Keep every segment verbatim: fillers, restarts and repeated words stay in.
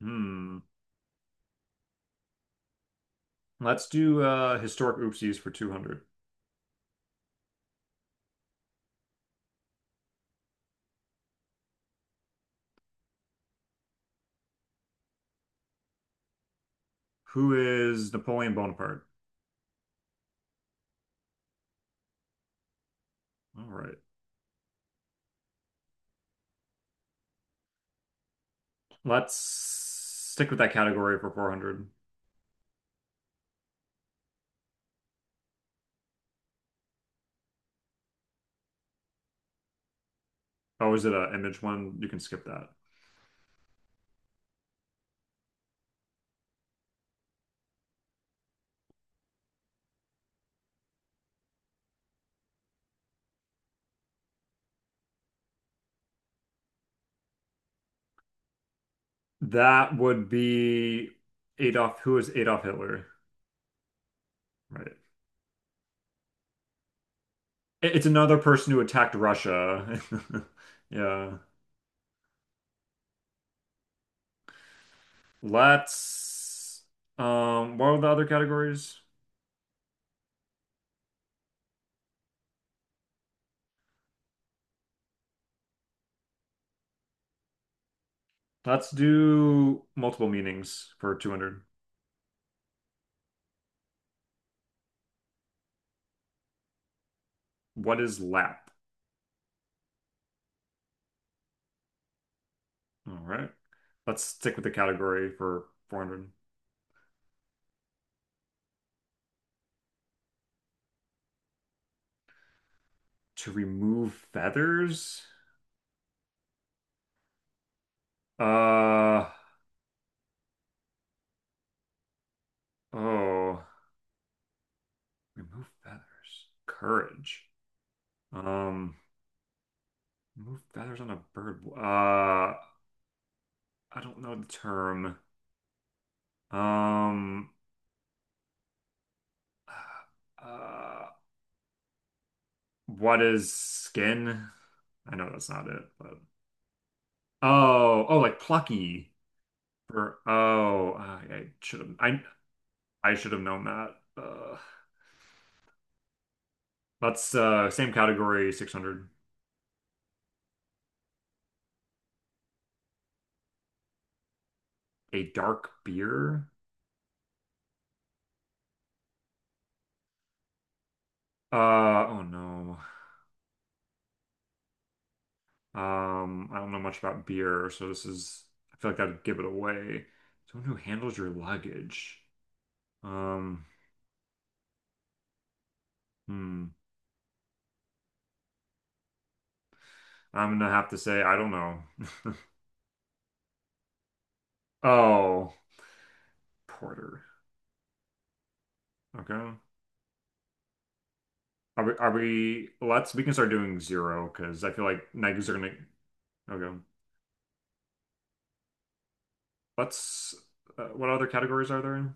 Hmm. Let's do uh historic oopsies for two hundred. Who is Napoleon Bonaparte? All right. Let's stick with that category for four hundred. Oh, is it an image one? You can skip that. That would be Adolf. Who is Adolf Hitler? Right. It- It's another person who attacked Russia. Yeah. Let's um what are the other categories? Let's do multiple meanings for two hundred. What is lap? All right. Let's stick with the category for four hundred. To remove feathers? Uh, oh, remove feathers. Courage. Um, remove feathers on a bird. Uh, I don't know the term. Um, uh, uh, what is skin? I know that's not it, but oh, oh, like plucky. For oh, I, I should have. I I should have known that. Uh. That's uh same category, six hundred. A dark beer? Uh oh no. Um, I don't know much about beer, so this is I feel like I'd give it away. Someone who handles your luggage. Um, hmm. I'm gonna have to say I don't know. Oh, porter. Okay. Are we, are we let's we can start doing zero because I feel like negatives are gonna okay. Let's uh, what other categories are there?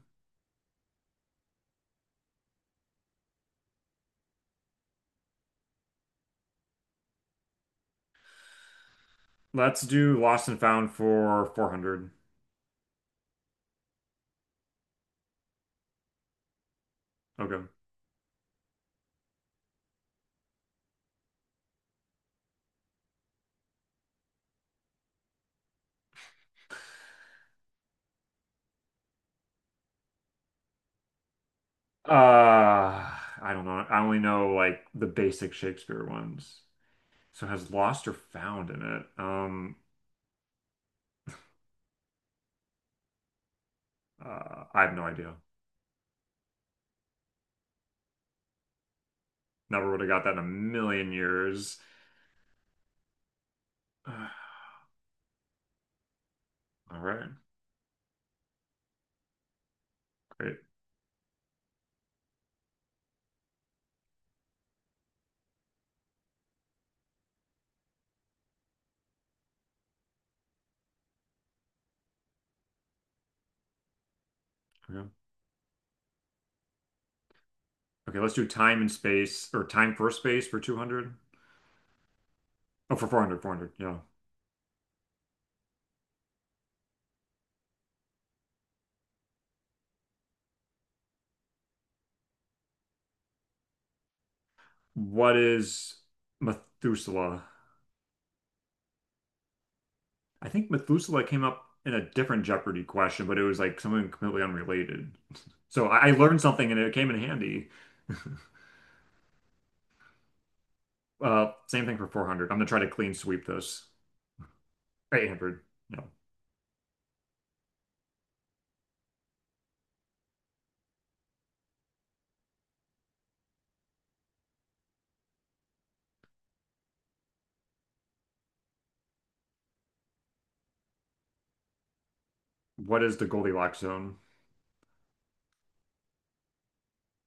Let's do lost and found for four hundred. Okay. Uh, I don't know. I only know like the basic Shakespeare ones. So it has lost or found in it. Um, uh, I have no idea. Never would have got that in a million years. Uh, all right, great. Yeah. Okay, let's do time and space or time for space for two hundred. Oh, for four hundred, four hundred. Yeah. What is Methuselah? I think Methuselah came up in a different Jeopardy question, but it was like something completely unrelated. So I, I learned something and it came in handy. Uh, same thing for four hundred. I'm gonna try to clean sweep those. eight hundred. No. What is the Goldilocks zone?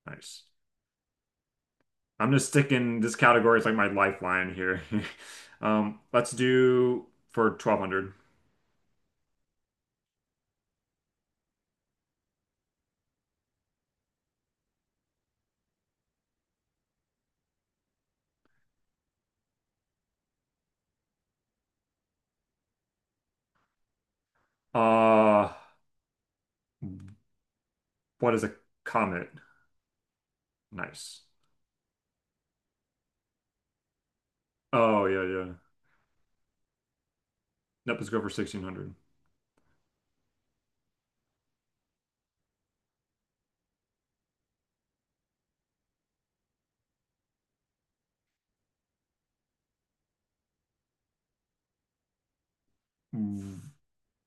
Nice. I'm just sticking this category. It's like my lifeline here. Um, let's do for twelve hundred. Uh, what is a comet? Nice. Oh yeah, yeah. Nope, let's go for sixteen hundred.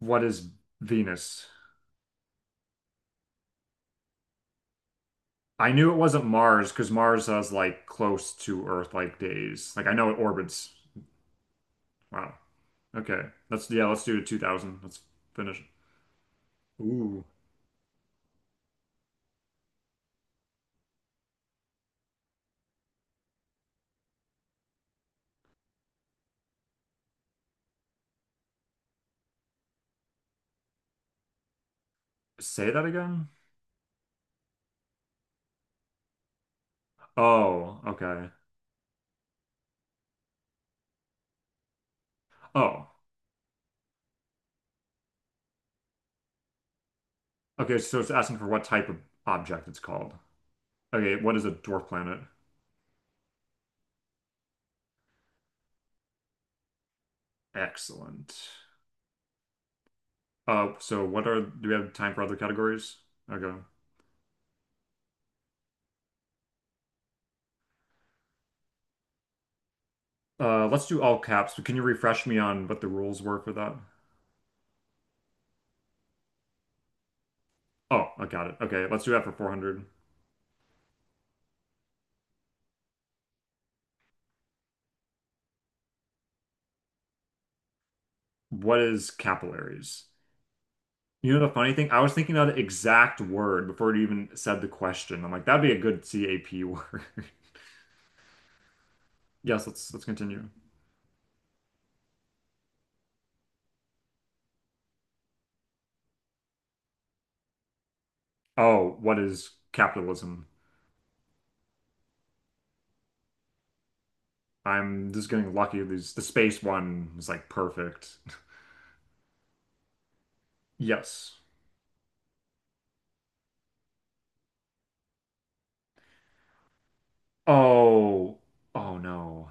What is Venus? I knew it wasn't Mars because Mars has like close to Earth like days. Like I know it orbits. Wow. Okay. Let's yeah, let's do two thousand. Let's finish. Ooh. Say that again? Oh, okay. Oh. Okay, so it's asking for what type of object it's called. Okay, what is a dwarf planet? Excellent. Uh, so what are do we have time for other categories? Okay. Uh, let's do all caps, but can you refresh me on what the rules were for that? Oh, I got it. Okay, let's do that for four hundred. What is capillaries? You know the funny thing? I was thinking of the exact word before it even said the question. I'm like, that'd be a good CAP word. Yes, let's let's continue. Oh, what is capitalism? I'm just getting lucky. These the space one was like perfect. Yes. Oh, oh no.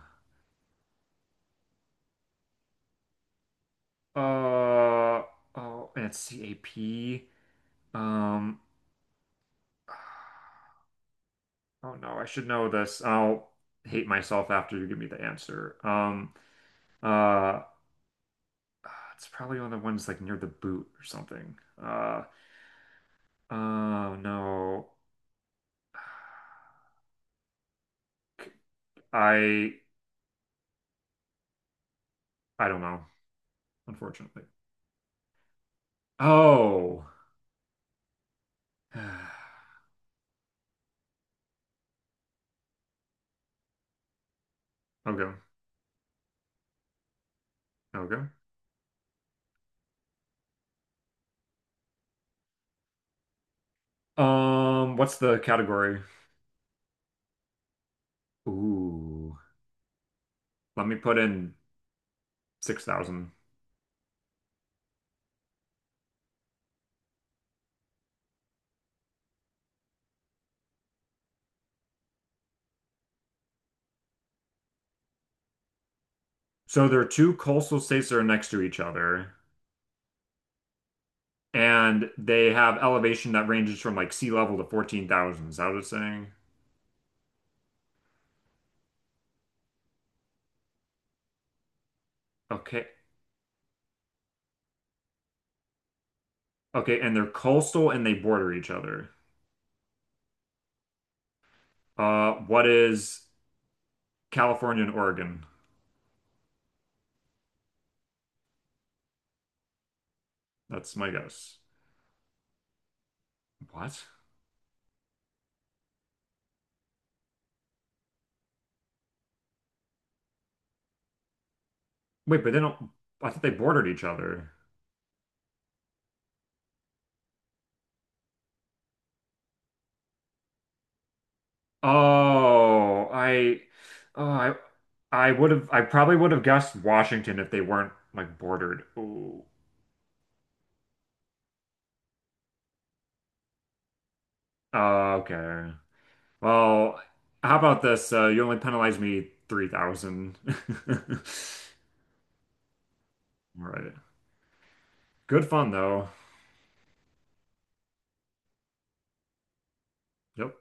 Uh oh, and it's CAP. Um, oh no, I should know this. I'll hate myself after you give me the answer. Um, uh Uh, it's probably one of the ones like near the boot or something. Uh, oh no. K- I I don't know, unfortunately. Oh. Okay. Okay. Um, what's the category? Ooh. Let me put in six thousand. So there are two coastal states that are next to each other, and they have elevation that ranges from like sea level to fourteen thousand. Is that what it's saying? Okay. Okay, and they're coastal and they border each other. Uh, what is California and Oregon. That's my guess. What? Wait, but they don't. I thought they bordered each other. Oh, I, oh, I, I would have. I probably would have guessed Washington if they weren't like bordered. Ooh. Oh, okay. Well, how about this? Uh, you only penalized me three thousand. All right. Good fun though. Yep.